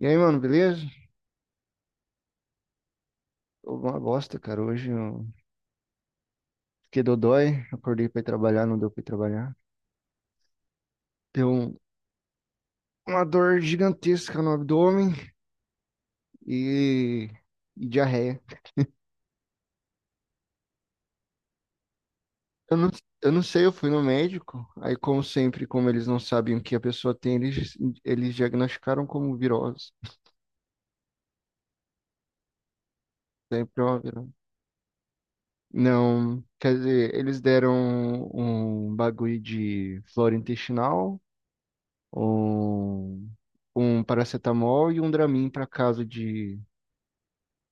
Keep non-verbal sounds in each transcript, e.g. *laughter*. E aí, mano, beleza? Tô uma bosta, cara. Hoje eu fiquei dodói, acordei pra ir trabalhar, não deu pra ir trabalhar. Deu uma dor gigantesca no abdômen e, e diarreia. Eu não, eu não sei, eu fui no médico. Aí, como sempre, como eles não sabem o que a pessoa tem, eles diagnosticaram como virose. Sempre é uma virose. Não, quer dizer, eles deram um bagulho de flora intestinal, um, um paracetamol e um Dramin pra caso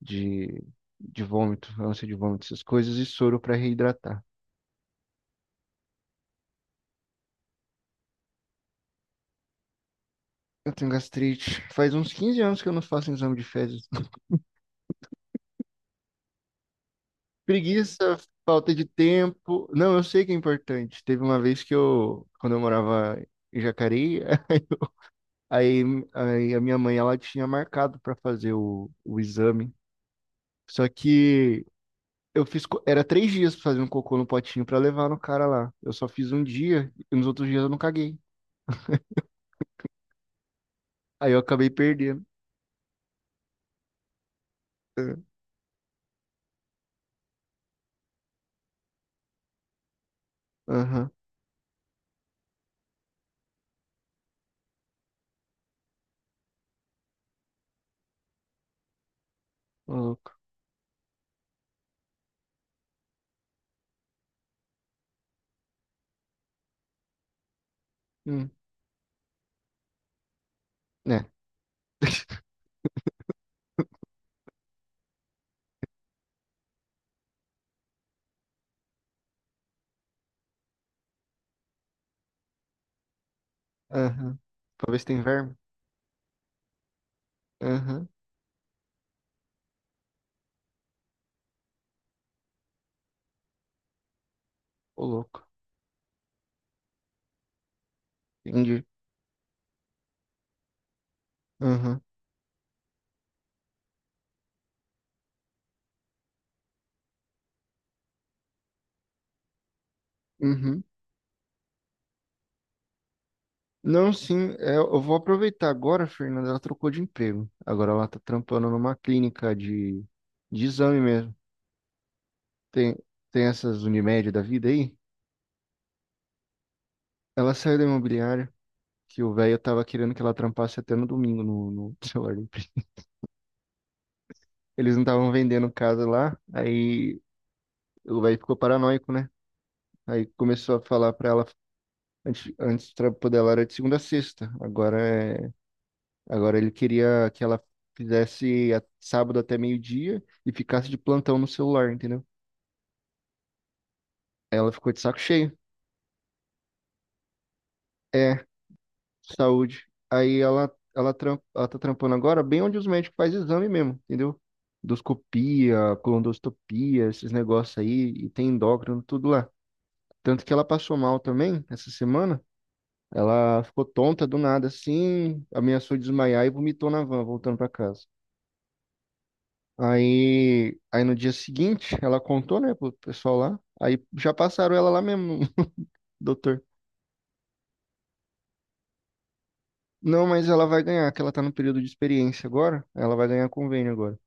de, de vômito, ânsia de vômito, essas coisas, e soro para reidratar. Eu tenho gastrite. Faz uns 15 anos que eu não faço exame de fezes. *laughs* Preguiça, falta de tempo. Não, eu sei que é importante. Teve uma vez que eu, quando eu morava em Jacareí, *laughs* aí, aí a minha mãe ela tinha marcado para fazer o exame. Só que eu fiz, era 3 dias pra fazer um cocô no potinho para levar no cara lá. Eu só fiz um dia e nos outros dias eu não caguei. Aí eu acabei perdendo. É, aham, uhum, louco. Hum. Né? *laughs* Aham. Talvez tem verme. Aham. Ô, louco. Entendi. Aham. Uhum. Não, sim, é, eu vou aproveitar agora, Fernanda, ela trocou de emprego. Agora ela tá trampando numa clínica de exame mesmo. Tem, tem essas Unimed da vida aí? Ela saiu da imobiliária, que o velho tava querendo que ela trampasse até no domingo no *laughs* celular. Da Eles não estavam vendendo casa lá, aí o velho ficou paranoico, né? Aí começou a falar pra ela. Antes o trampo dela era de segunda a sexta. É, agora ele queria que ela fizesse sábado até meio-dia e ficasse de plantão no celular, entendeu? Ela ficou de saco cheio. É, saúde. Aí ela tá trampando agora bem onde os médicos fazem exame mesmo, entendeu? Endoscopia, colonoscopia, esses negócios aí, e tem endócrino, tudo lá. Tanto que ela passou mal também essa semana. Ela ficou tonta do nada, assim, ameaçou desmaiar e vomitou na van, voltando pra casa. Aí no dia seguinte, ela contou, né, pro pessoal lá. Aí já passaram ela lá mesmo, *laughs* doutor. Não, mas ela vai ganhar, que ela tá no período de experiência agora. Ela vai ganhar convênio agora.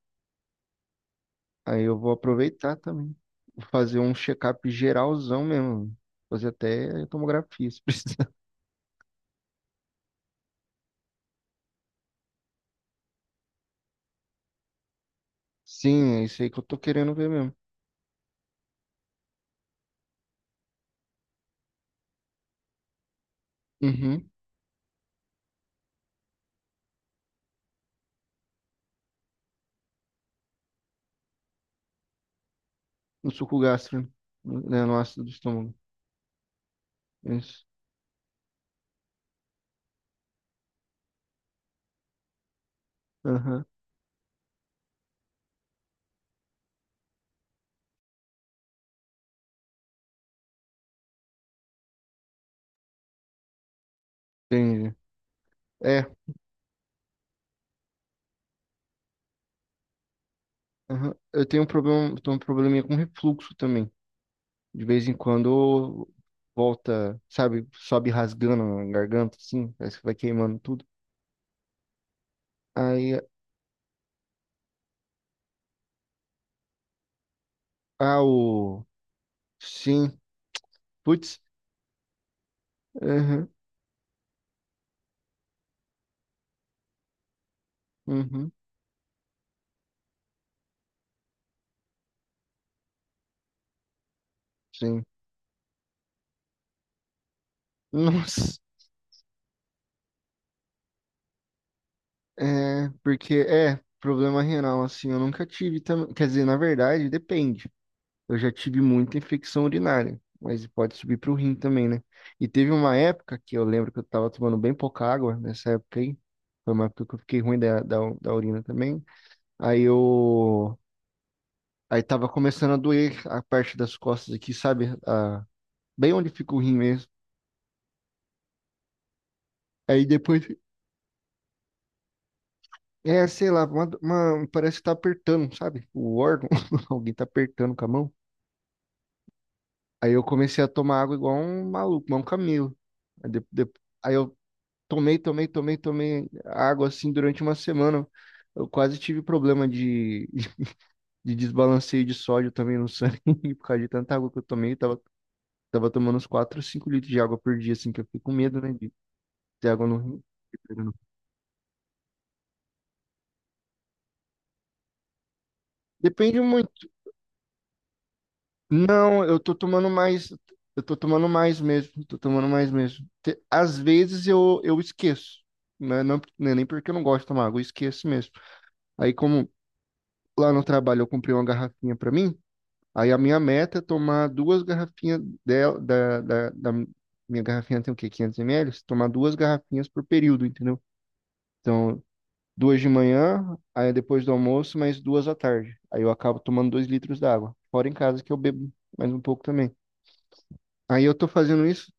Aí eu vou aproveitar também. Vou fazer um check-up geralzão mesmo. Fazer até tomografia, se *laughs* precisar. Sim, é isso aí que eu tô querendo ver mesmo. Uhum. No suco gástrico, né, no ácido do estômago. Isso. Aham. Entendi. É, aham. Eu tenho um problema, eu tenho um probleminha com refluxo também. De vez em quando volta, sabe, sobe rasgando a garganta, assim, parece que vai queimando tudo. Aí, ah, o... Sim, putz, uhum, uhum, sim. Nossa, é, porque, é, problema renal, assim, eu nunca tive também, quer dizer, na verdade, depende. Eu já tive muita infecção urinária, mas pode subir pro rim também, né? E teve uma época que eu lembro que eu tava tomando bem pouca água nessa época aí, foi uma época que eu fiquei ruim da urina também. Aí eu. Aí tava começando a doer a parte das costas aqui, sabe? A... Bem onde fica o rim mesmo. Aí depois. É, sei lá, parece que tá apertando, sabe? O órgão. *laughs* Alguém tá apertando com a mão. Aí eu comecei a tomar água igual um maluco, igual um camelo. Aí, de- de- aí eu tomei, tomei, tomei, tomei água assim durante uma semana. Eu quase tive problema de, *laughs* de desbalanceio de sódio também no sangue *laughs* por causa de tanta água que eu tomei. Tava tomando uns 4, 5 litros de água por dia, assim, que eu fiquei com medo, né, de ter água no rim. Depende muito. Não, eu tô tomando mais, eu tô tomando mais mesmo, tô tomando mais mesmo. Às vezes eu esqueço, né? Não, não é nem porque eu não gosto de tomar água, eu esqueço mesmo. Aí como lá no trabalho eu comprei uma garrafinha pra mim, aí a minha meta é tomar duas garrafinhas dela, da minha garrafinha tem o quê? 500 ml? Tomar duas garrafinhas por período, entendeu? Então, duas de manhã, aí depois do almoço, mais duas à tarde. Aí eu acabo tomando 2 litros d'água. Fora em casa que eu bebo mais um pouco também. Aí eu tô fazendo isso,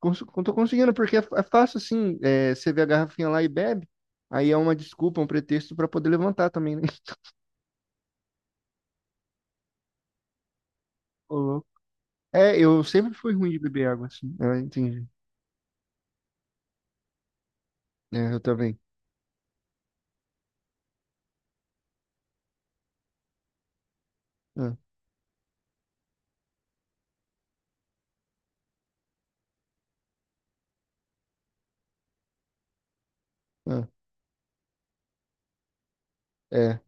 cons tô conseguindo, porque é fácil assim, é, você vê a garrafinha lá e bebe, aí é uma desculpa, um pretexto pra poder levantar também, né? *laughs* Ô, louco. É, eu sempre fui ruim de beber água, assim. É, eu entendi. É, eu também. Ah, ah, é,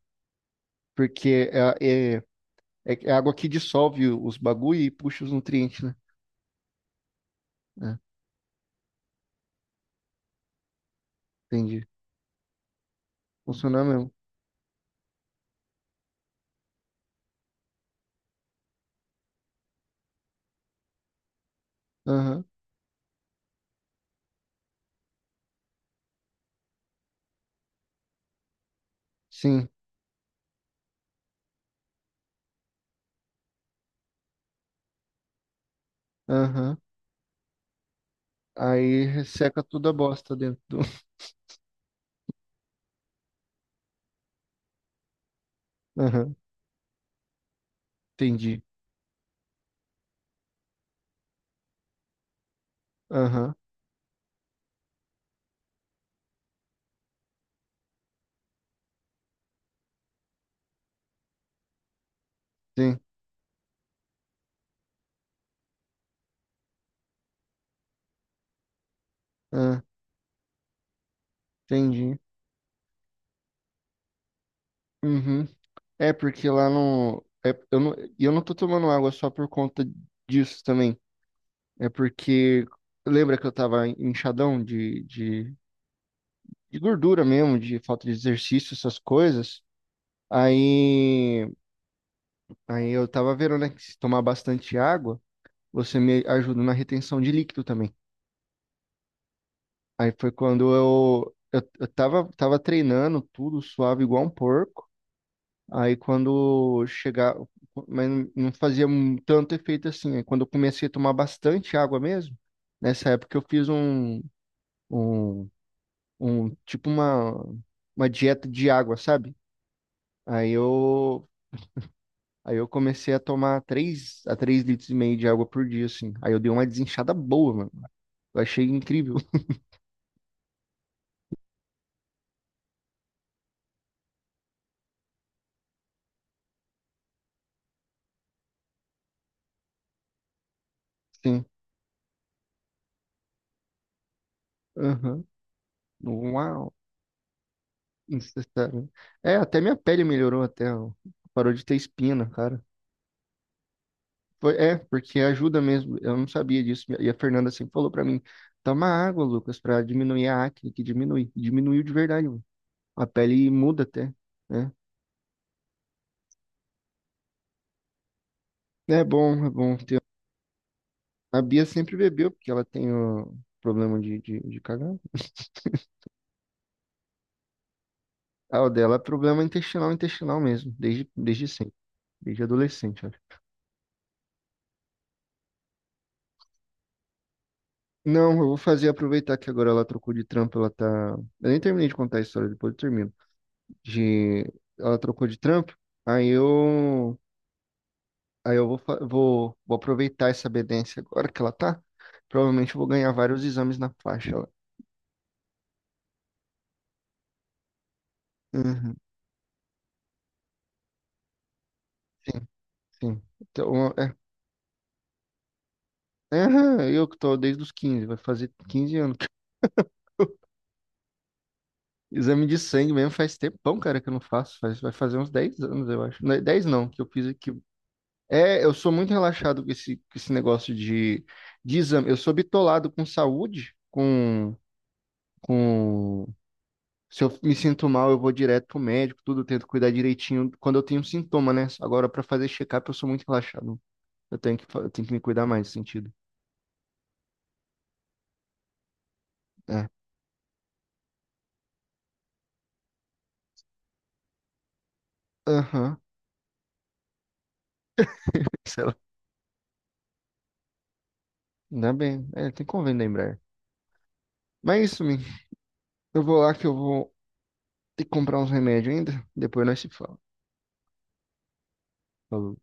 porque é água que dissolve os bagulho e puxa os nutrientes. Né? É, entendi. Funciona mesmo. Aham, sim. Aham. Aí resseca toda a bosta dentro do. *laughs* Aham, entendi. Aham, sim. Ah, entendi. Uhum. É porque lá no. É, eu não tô tomando água só por conta disso também. É porque. Lembra que eu tava inchadão de gordura mesmo, de falta de exercício, essas coisas? Aí. Aí eu tava vendo, né? Que se tomar bastante água, você me ajuda na retenção de líquido também. Aí foi quando eu tava treinando tudo suave igual um porco. Aí quando chegava, mas não fazia um tanto efeito assim. Aí quando eu comecei a tomar bastante água mesmo, nessa época eu fiz um, um tipo uma dieta de água, sabe? Aí eu, aí eu comecei a tomar 3 a 3 litros e meio de água por dia, assim. Aí eu dei uma desinchada boa, mano. Eu achei incrível. *laughs* Sim. Aham. Uau. Necessário. É, até minha pele melhorou até, ó. Parou de ter espina, cara. Foi, é, porque ajuda mesmo. Eu não sabia disso. E a Fernanda sempre falou pra mim, toma água, Lucas, pra diminuir a acne, que diminui. E diminuiu de verdade, mano. A pele muda até, né? É bom ter. A Bia sempre bebeu, porque ela tem o problema de cagar. Ah, o dela é problema intestinal, intestinal mesmo, desde sempre, desde adolescente. Não, eu vou fazer aproveitar que agora ela trocou de trampo, ela tá. Eu nem terminei de contar a história, depois eu termino. De... Ela trocou de trampo, aí eu. Aí eu vou aproveitar essa obediência agora que ela tá. Provavelmente eu vou ganhar vários exames na faixa lá. Uhum, sim, sim. Então, aham, eu que tô desde os 15, vai fazer 15 anos. Exame de sangue mesmo faz tempão, cara, que eu não faço. Faz... Vai fazer uns 10 anos, eu acho. Não, 10 não, que eu fiz aqui. É, eu sou muito relaxado com esse negócio de exame. Eu sou bitolado com saúde, com... Se eu me sinto mal, eu vou direto pro médico, tudo, eu tento cuidar direitinho quando eu tenho sintoma, né? Agora, pra fazer check-up, eu sou muito relaxado. Eu tenho que me cuidar mais nesse sentido. É. Aham. Sei lá. Ainda bem. É, tem convênio da Embraer. Mas é isso, mim. Eu vou lá que eu vou ter que comprar uns remédios ainda. Depois nós se fala. Falou.